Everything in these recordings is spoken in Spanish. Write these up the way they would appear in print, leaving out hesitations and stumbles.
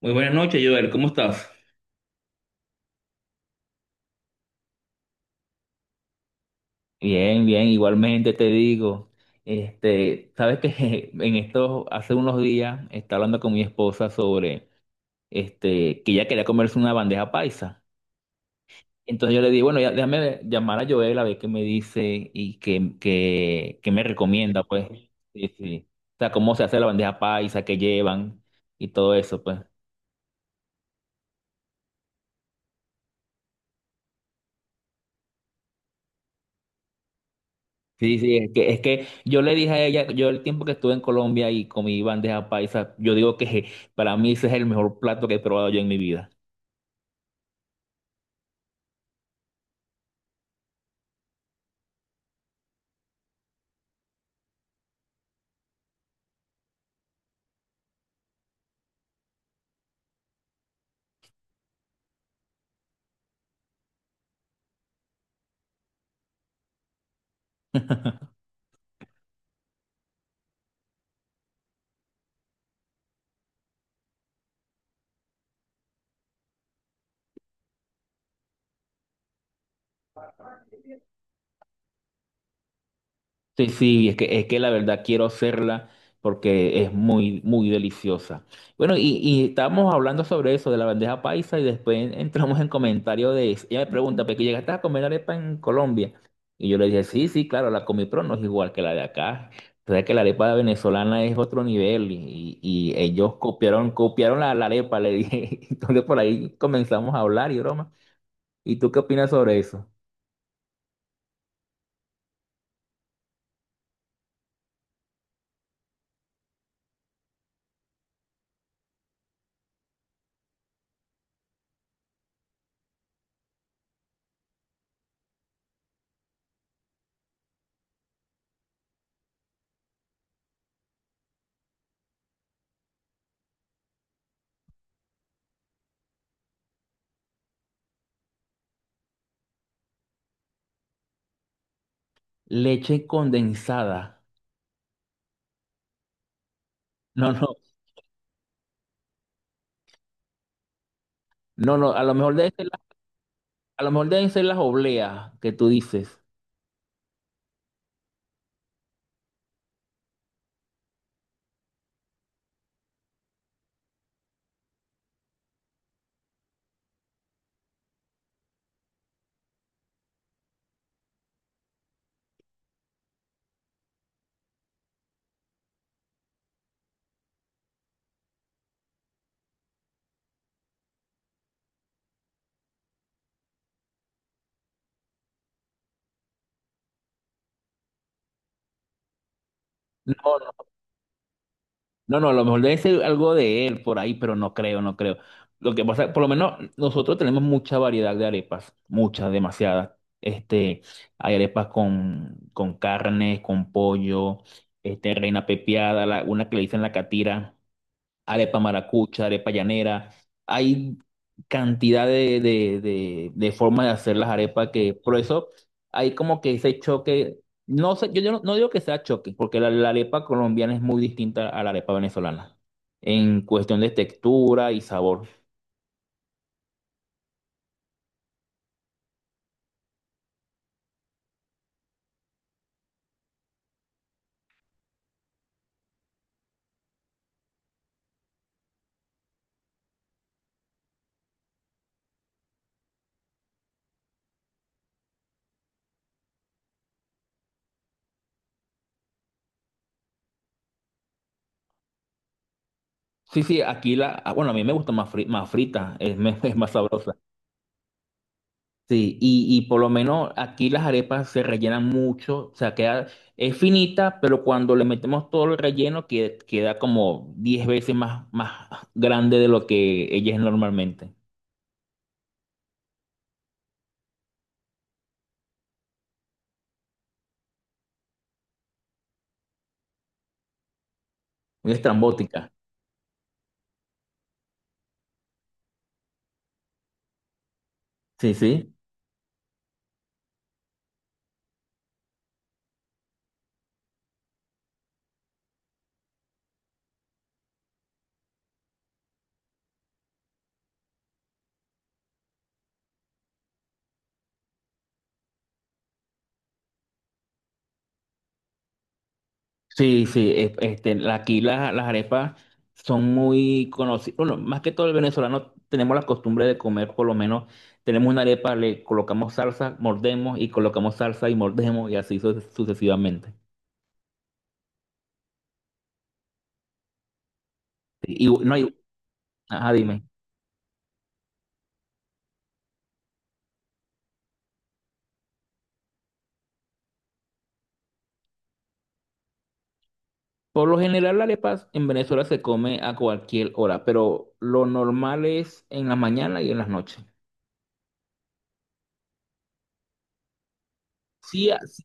Muy buenas noches, Joel. ¿Cómo estás? Bien, bien, igualmente te digo, sabes que hace unos días, estaba hablando con mi esposa sobre, que ella quería comerse una bandeja paisa. Entonces yo le dije, bueno, ya, déjame llamar a Joel a ver qué me dice y qué me recomienda, pues. Sí, sí. O sea, cómo se hace la bandeja paisa, qué llevan y todo eso, pues. Sí, sí, es que yo le dije a ella, yo el tiempo que estuve en Colombia y comí bandeja paisa, yo digo que para mí ese es el mejor plato que he probado yo en mi vida. Sí, sí, es que la verdad quiero hacerla porque es muy, muy deliciosa. Bueno, y estábamos hablando sobre eso, de la bandeja paisa, y después entramos en comentario de eso. Ella me pregunta, ¿pero que llegaste a comer arepa en Colombia? Y yo le dije, sí, sí, claro, la comí, pero no es igual que la de acá. O sea, que la arepa venezolana es otro nivel y ellos copiaron, copiaron la arepa, le dije. Entonces por ahí comenzamos a hablar y broma. ¿Y tú qué opinas sobre eso? Leche condensada. No, no. No, no, A lo mejor deben ser las obleas que tú dices. No, no, no, a lo mejor debe ser algo de él por ahí, pero no creo, no creo. Lo que pasa, por lo menos nosotros tenemos mucha variedad de arepas, muchas, demasiadas. Este, Hay arepas con carne, con pollo, reina pepiada, una que le dicen la catira, arepa maracucha, arepa llanera. Hay cantidad de formas de hacer las arepas que, por eso hay como que ese choque, no sé, yo no digo que sea choque, porque la arepa colombiana es muy distinta a la arepa venezolana en cuestión de textura y sabor. Sí, sí, aquí bueno, a mí me gusta más, más frita, es más sabrosa. Sí, y por lo menos aquí las arepas se rellenan mucho, o sea, es finita, pero cuando le metemos todo el relleno queda como 10 veces más grande de lo que ella es normalmente. Muy estrambótica. Sí, sí. Sí, sí, aquí las arepas son muy conocidas. Bueno, más que todo el venezolano tenemos la costumbre de comer, por lo menos tenemos una arepa, le colocamos salsa, mordemos y colocamos salsa y mordemos y así sucesivamente. Sí, no, hay ajá, dime. Por lo general, la arepa en Venezuela se come a cualquier hora, pero lo normal es en la mañana y en las noches. Sí,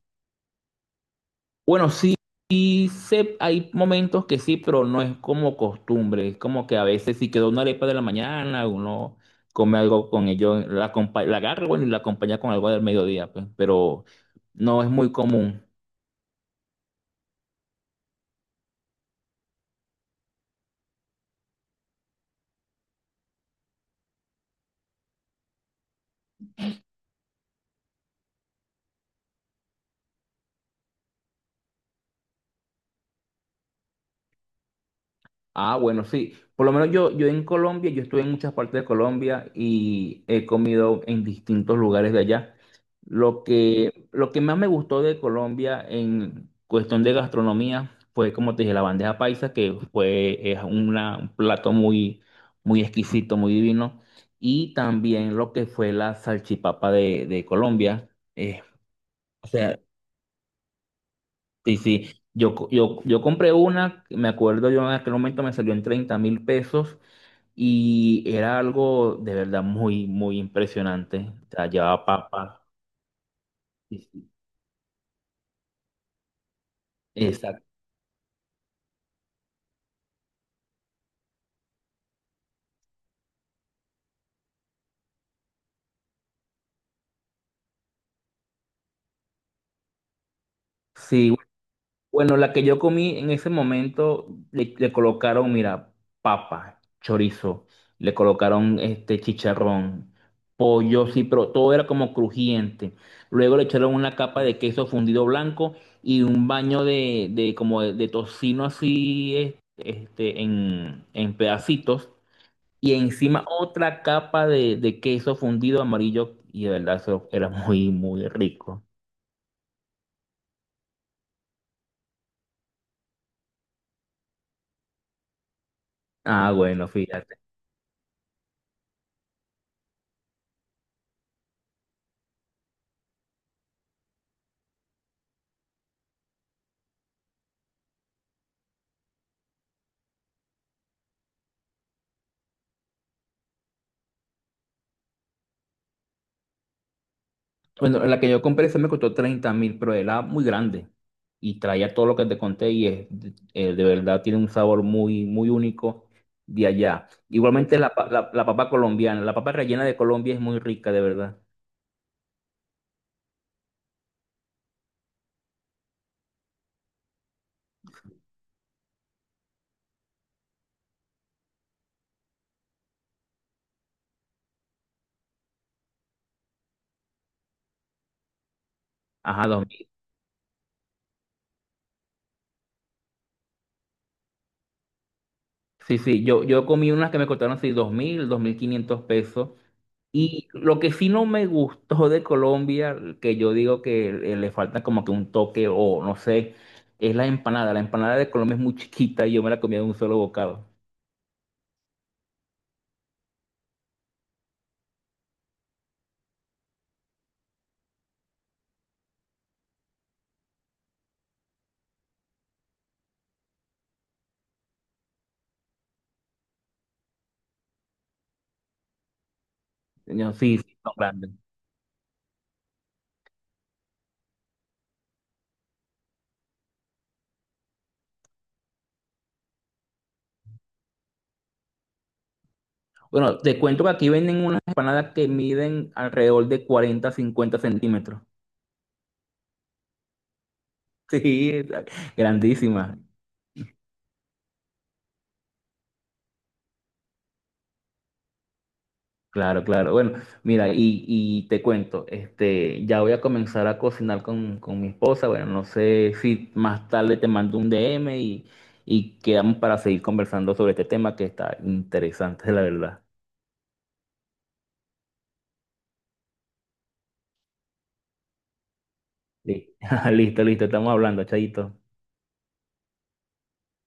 bueno, sí, hay momentos que sí, pero no es como costumbre. Es como que a veces si quedó una arepa de la mañana, uno come algo con ello, la agarra, bueno, y la acompaña con algo del mediodía, pues, pero no es muy común. Ah, bueno, sí. Por lo menos yo en Colombia, yo estuve en muchas partes de Colombia y he comido en distintos lugares de allá. Lo que más me gustó de Colombia en cuestión de gastronomía fue, como te dije, la bandeja paisa, que fue, es un plato muy, muy exquisito, muy divino. Y también lo que fue la salchipapa de Colombia. Eh, o sea, sí, sí. Yo compré una, me acuerdo yo en aquel momento me salió en 30.000 pesos y era algo de verdad muy, muy impresionante. O sea, llevaba papa. Sí, sí. Exacto. Sí, bueno, la que yo comí en ese momento le colocaron, mira, papa, chorizo, le colocaron este chicharrón, pollo, sí, pero todo era como crujiente. Luego le echaron una capa de queso fundido blanco y un baño de como de tocino así, en pedacitos. Y encima otra capa de queso fundido amarillo y de verdad eso era muy, muy rico. Ah, bueno, fíjate. Bueno, la que yo compré se me costó 30.000, pero era muy grande y traía todo lo que te conté y de verdad tiene un sabor muy, muy único de allá. Igualmente la papa colombiana, la papa rellena de Colombia es muy rica, de verdad. Ajá, 2.000. Sí, sí, yo comí unas que me costaron así 2.000, 2.500 pesos. Y lo que sí no me gustó de Colombia, que yo digo que le falta como que un toque o no sé, es la empanada. La empanada de Colombia es muy chiquita y yo me la comía de un solo bocado. Sí, sí, no, grande. Bueno, te cuento que aquí venden unas empanadas que miden alrededor de 40, 50 centímetros. Sí, grandísimas. Claro, claro. Bueno, mira, y te cuento, ya voy a comenzar a cocinar con mi esposa. Bueno, no sé si más tarde te mando un DM y quedamos para seguir conversando sobre este tema que está interesante, la verdad. Sí. Listo, listo, estamos hablando, Chayito.